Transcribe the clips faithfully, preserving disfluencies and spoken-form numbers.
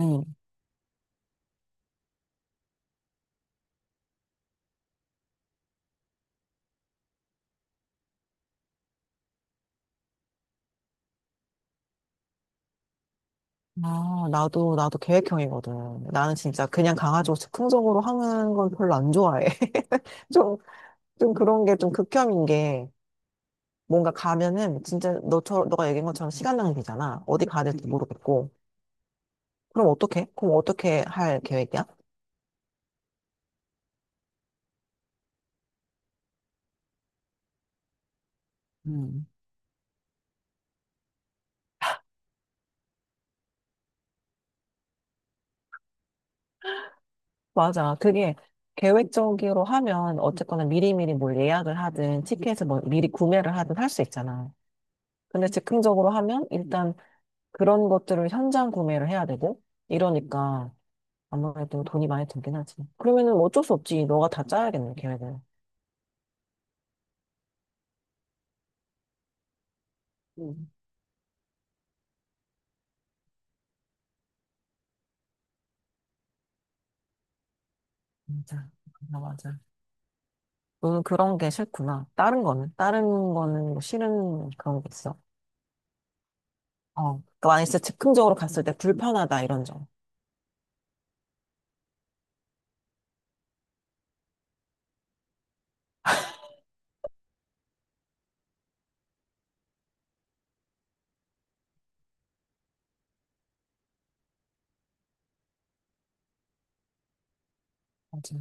응. 아, 나도, 나도 계획형이거든. 나는 진짜 그냥 강아지고 즉흥적으로 하는 건 별로 안 좋아해. 좀, 좀 그런 게 좀 극혐인 게 뭔가 가면은 진짜 너처럼, 너가 얘기한 것처럼 시간 낭비잖아. 어디 가야 될지 모르겠고. 그럼 어떻게? 그럼 어떻게 할 계획이야? 음. 맞아. 그게 계획적으로 하면 어쨌거나 미리미리 뭘 예약을 하든 티켓을 뭐 미리 구매를 하든 할 수 있잖아. 근데 즉흥적으로 하면 일단 그런 것들을 현장 구매를 해야 되고 이러니까 아무래도 돈이 많이 들긴 하지. 그러면은 뭐 어쩔 수 없지. 너가 다 짜야겠네, 계획을. 음. 맞아. 맞아, 맞아. 너는 그런 게 싫구나. 다른 거는? 다른 거는 뭐 싫은 그런 게 있어? 어. 그러니까 만약에 진짜 즉흥적으로 갔을 때 불편하다, 이런 점. 맞아.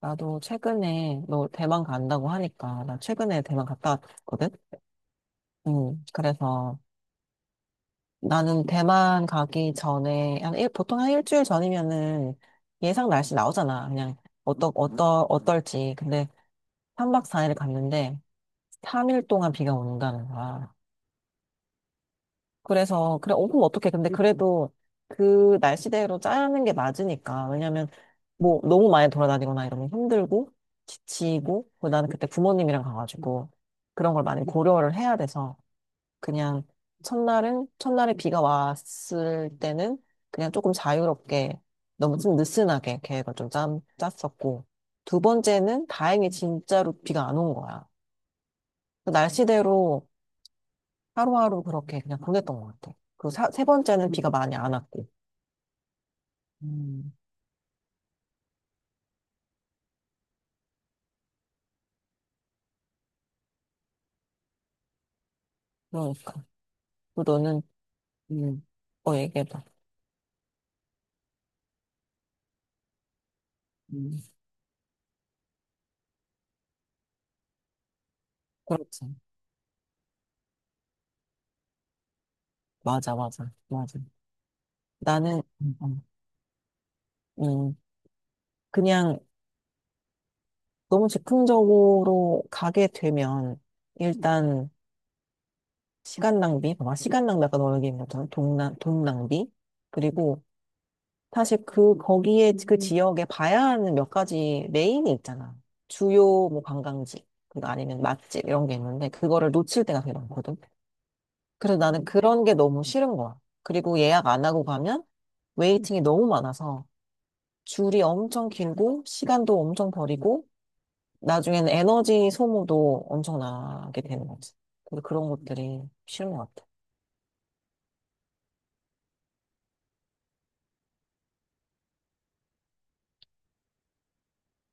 나도 최근에, 너 대만 간다고 하니까, 나 최근에 대만 갔다 왔거든? 음, 그래서 나는 대만 가기 전에, 한 일, 보통 한 일주일 전이면은 예상 날씨 나오잖아. 그냥, 어떠, 어떠, 어떨지. 근데 삼 박 사 일 갔는데 삼 일 동안 비가 온다는 거야. 그래서 그래 어 그럼 어떡해. 근데 그래도 그 날씨대로 짜는 게 맞으니까. 왜냐면 뭐 너무 많이 돌아다니거나 이러면 힘들고 지치고 그리고 나는 그때 부모님이랑 가가지고 그런 걸 많이 고려를 해야 돼서 그냥 첫날은 첫날에 비가 왔을 때는 그냥 조금 자유롭게 너무 좀 느슨하게 계획을 좀 짠, 짰었고 두 번째는 다행히 진짜로 비가 안 온 거야. 그 날씨대로 하루하루 그렇게 그냥 보냈던 것 같아. 그리 사, 세 번째는 비가 음, 많이 안 왔고. 음, 그러니까. 그 너는, 음, 어, 얘기해봐. 음, 그렇지. 맞아, 맞아, 맞아. 나는, 음, 음, 음, 그냥 너무 즉흥적으로 가게 되면, 일단, 시간 낭비, 봐봐, 시간 낭비, 아까 너 얘기한 것처럼, 돈, 낭- 돈 낭비, 그리고 사실 그, 거기에, 그 음. 지역에 봐야 하는 몇 가지 메인이 있잖아. 주요 뭐 관광지, 그리고 아니면 맛집 이런 게 있는데, 그거를 놓칠 때가 되게 많거든. 그래서 나는 그런 게 너무 싫은 거야. 그리고 예약 안 하고 가면 웨이팅이 너무 많아서 줄이 엄청 길고, 시간도 엄청 버리고, 나중에는 에너지 소모도 엄청나게 되는 거지. 그래서 그런 것들이 싫은 것 같아.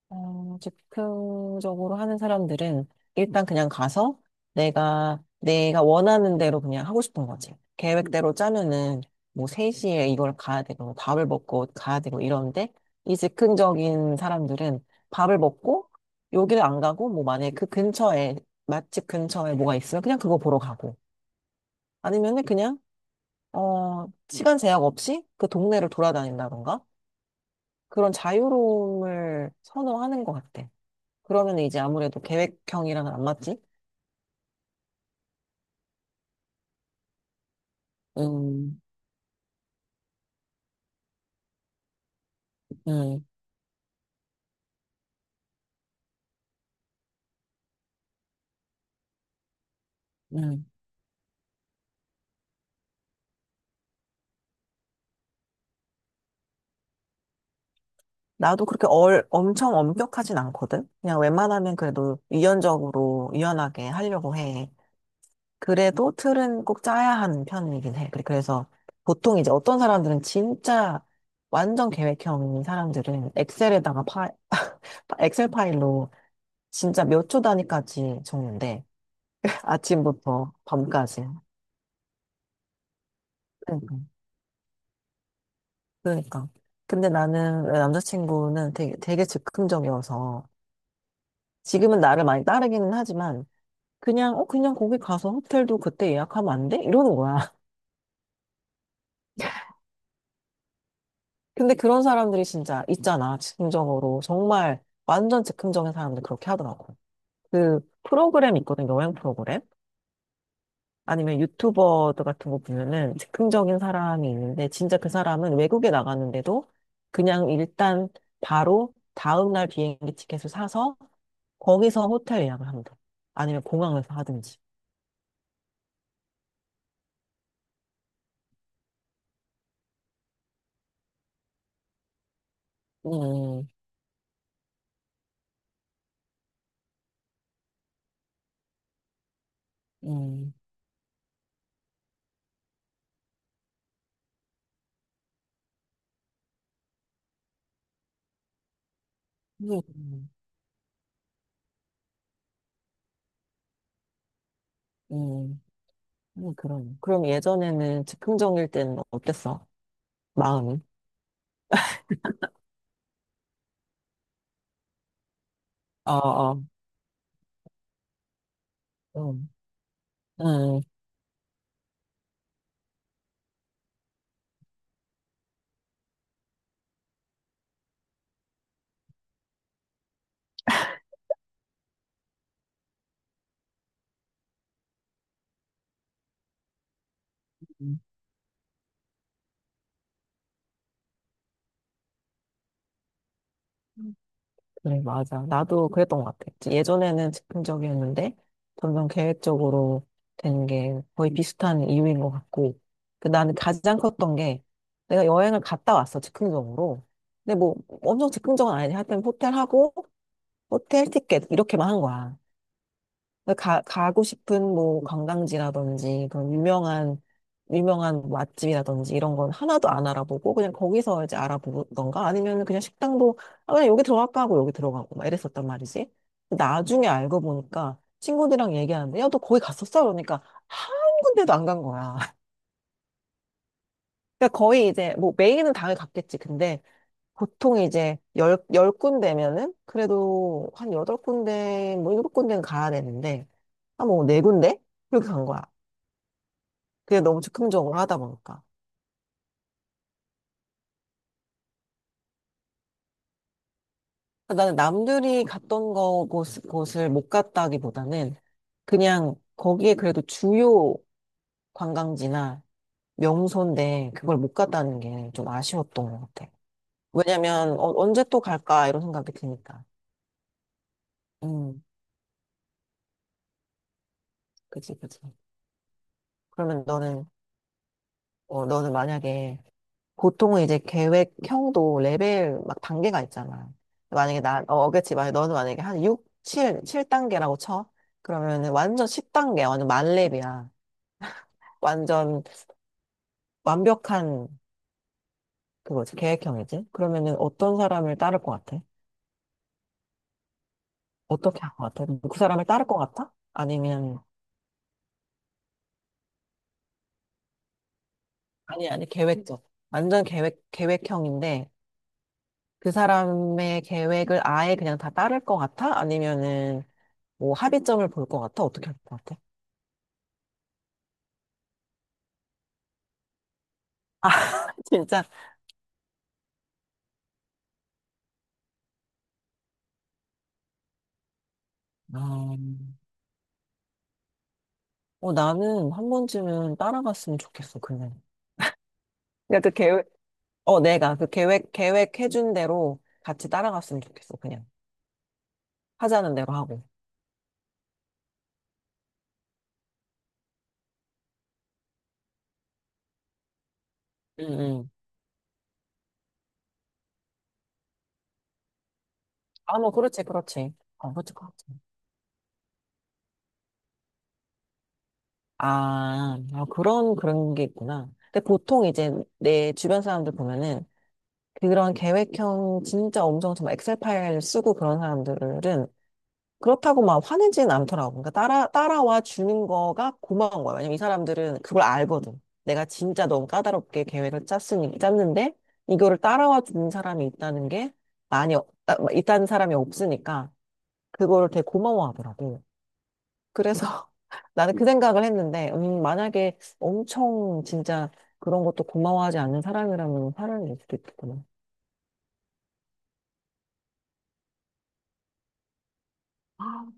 어, 즉흥적으로 하는 사람들은 일단 그냥 가서 내가, 내가 원하는 대로 그냥 하고 싶은 거지. 계획대로 짜면은 뭐 세 시에 이걸 가야 되고, 뭐 밥을 먹고 가야 되고 이러는데, 이 즉흥적인 사람들은 밥을 먹고 여기를 안 가고, 뭐 만약에 그 근처에, 맛집 근처에 뭐가 있으면 그냥 그거 보러 가고, 아니면은 그냥, 어, 시간 제약 없이 그 동네를 돌아다닌다던가, 그런 자유로움을 선호하는 것 같아. 그러면 이제 아무래도 계획형이랑은 안 맞지? 음, 음, 음. 나도 그렇게 얼, 엄청 엄격하진 않거든? 그냥 웬만하면 그래도 유연적으로, 유연하게 하려고 해. 그래도 틀은 꼭 짜야 하는 편이긴 해. 그래- 그래서 보통 이제 어떤 사람들은 진짜 완전 계획형인 사람들은 엑셀에다가 파, 엑셀 파일로 진짜 몇 초 단위까지 적는데 아침부터 밤까지. 응. 그러니까. 근데 나는 내 남자친구는 되게, 되게 즉흥적이어서 지금은 나를 많이 따르기는 하지만 그냥, 어, 그냥 거기 가서 호텔도 그때 예약하면 안 돼? 이러는 거야. 근데 그런 사람들이 진짜 있잖아. 즉흥적으로. 정말 완전 즉흥적인 사람들 그렇게 하더라고. 그 프로그램 있거든. 여행 프로그램. 아니면 유튜버들 같은 거 보면은 즉흥적인 사람이 있는데 진짜 그 사람은 외국에 나갔는데도 그냥 일단 바로 다음날 비행기 티켓을 사서 거기서 호텔 예약을 하면 돼. 아니면 공항에서 하든지. 음, 음, 음, 음, 음, 음, 그럼. 그럼 예전에는 즉흥적일 때는 어땠어? 마음이? 어, 어, 음, 음, 음. 그래, 맞아. 나도 그랬던 것 같아. 예전에는 즉흥적이었는데, 점점 계획적으로 되는 게 거의 비슷한 이유인 것 같고. 그 나는 가장 컸던 게, 내가 여행을 갔다 왔어, 즉흥적으로. 근데 뭐, 엄청 즉흥적은 아니지. 하여튼 호텔 하고, 호텔 티켓 이렇게만 한 거야. 그러니까 가, 가고 싶은 뭐 관광지라든지 그런 유명한 유명한 뭐 맛집이라든지 이런 건 하나도 안 알아보고 그냥 거기서 이제 알아보던가 아니면 그냥 식당도 아, 그냥 여기 들어갈까 하고 여기 들어가고 막 이랬었단 말이지. 나중에 알고 보니까 친구들이랑 얘기하는데 야, 너 거기 갔었어? 그러니까 한 군데도 안 간 거야. 그러니까 거의 이제 뭐 메인은 당연히 갔겠지. 근데 보통 이제 열, 열 군데면은 그래도 한 여덟 군데, 뭐 일곱 군데는 가야 되는데, 한 뭐 네 군데? 그렇게 간 거야. 그게 너무 즉흥적으로 하다 보니까. 나는 남들이 갔던 거, 곳, 곳을 못 갔다기보다는 그냥 거기에 그래도 주요 관광지나 명소인데 그걸 못 갔다는 게 좀 아쉬웠던 것 같아. 왜냐면 어, 언제 또 갈까 이런 생각이 드니까. 음, 그치, 그치. 그러면 너는, 어, 너는 만약에 보통은 이제 계획형도 레벨 막 단계가 있잖아. 만약에 나, 어, 어겠지. 만약에 너는 만약에 한 육, 7, 칠 단계라고 쳐. 그러면은 완전 십 단계, 완전 만렙이야. 완전 완벽한 그거지. 계획형이지. 그러면은 어떤 사람을 따를 것 같아? 어떻게 할 것 같아? 그 그 사람을 따를 것 같아? 아니면, 아니, 아니, 계획적. 완전 계획, 계획형인데 그 사람의 계획을 아예 그냥 다 따를 것 같아? 아니면은 뭐 합의점을 볼 것 같아? 어떻게 할 것 같아? 아, 진짜. 아, 어, 나는 한 번쯤은 따라갔으면 좋겠어, 그냥. 그냥 그 계획, 어, 내가 그 계획, 계획해준 대로 같이 따라갔으면 좋겠어, 그냥. 하자는 대로 하고. 응, 응. 아, 뭐, 그렇지, 그렇지. 어, 그렇지, 그렇지. 아, 아, 그런, 그런 게 있구나. 근데 보통 이제 내 주변 사람들 보면은 그런 계획형 진짜 엄청 정말 엑셀 파일 쓰고 그런 사람들은 그렇다고 막 화내진 않더라고. 그러니까 따라, 따라와 주는 거가 고마운 거야. 왜냐면 이 사람들은 그걸 알거든. 내가 진짜 너무 까다롭게 계획을 짰으니, 짰는데, 이거를 따라와 주는 사람이 있다는 게 많이, 없- 아, 있다는 사람이 없으니까, 그거를 되게 고마워하더라고. 그래서 나는 그 생각을 했는데, 음, 만약에 엄청 진짜 그런 것도 고마워하지 않는 사람이라면 화를 낼 수도 있겠구나. 아,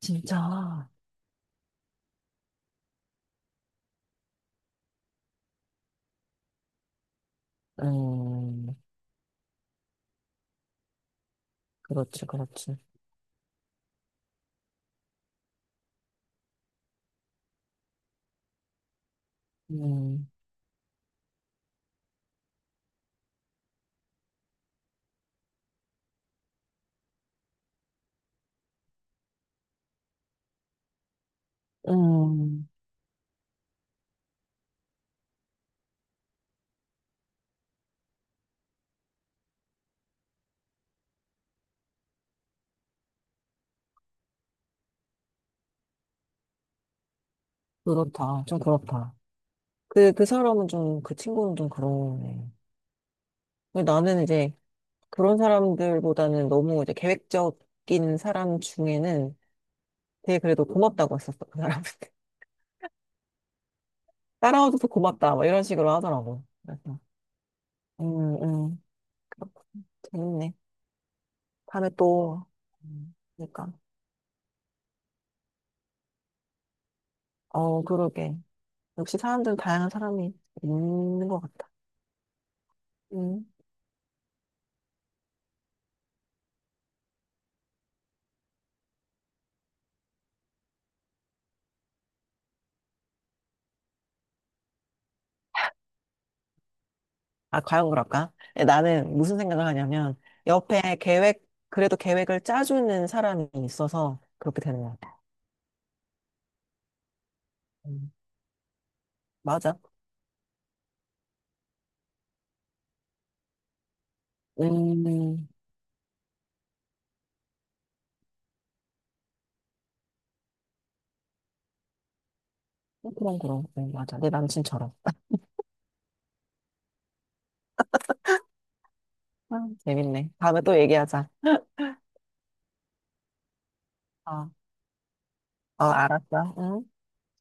진짜. 음, 그렇지, 그렇지. 음. 음, 그렇다. 좀 그렇다. 그, 그 사람은 좀, 그 친구는 좀 그러네. 근데 나는 이제 그런 사람들보다는 너무 이제 계획적인 사람 중에는 되게 그래도 고맙다고 했었어. 그 사람한테. 따라와줘서 고맙다. 막 이런 식으로 하더라고. 그래서, 음, 음. 그렇군. 재밌네. 다음에 또, 음, 그러니까. 어, 그러게. 역시 사람들은 다양한 사람이 있는 것 같다. 음. 아, 과연 그럴까? 예, 나는 무슨 생각을 하냐면, 옆에 계획, 그래도 계획을 짜주는 사람이 있어서 그렇게 되는 것 같아. 음, 맞아. 음, 그럼, 그럼. 네, 맞아. 내 남친처럼. 아, 재밌네. 다음에 또 얘기하자. 어, 어, 알았어. 음.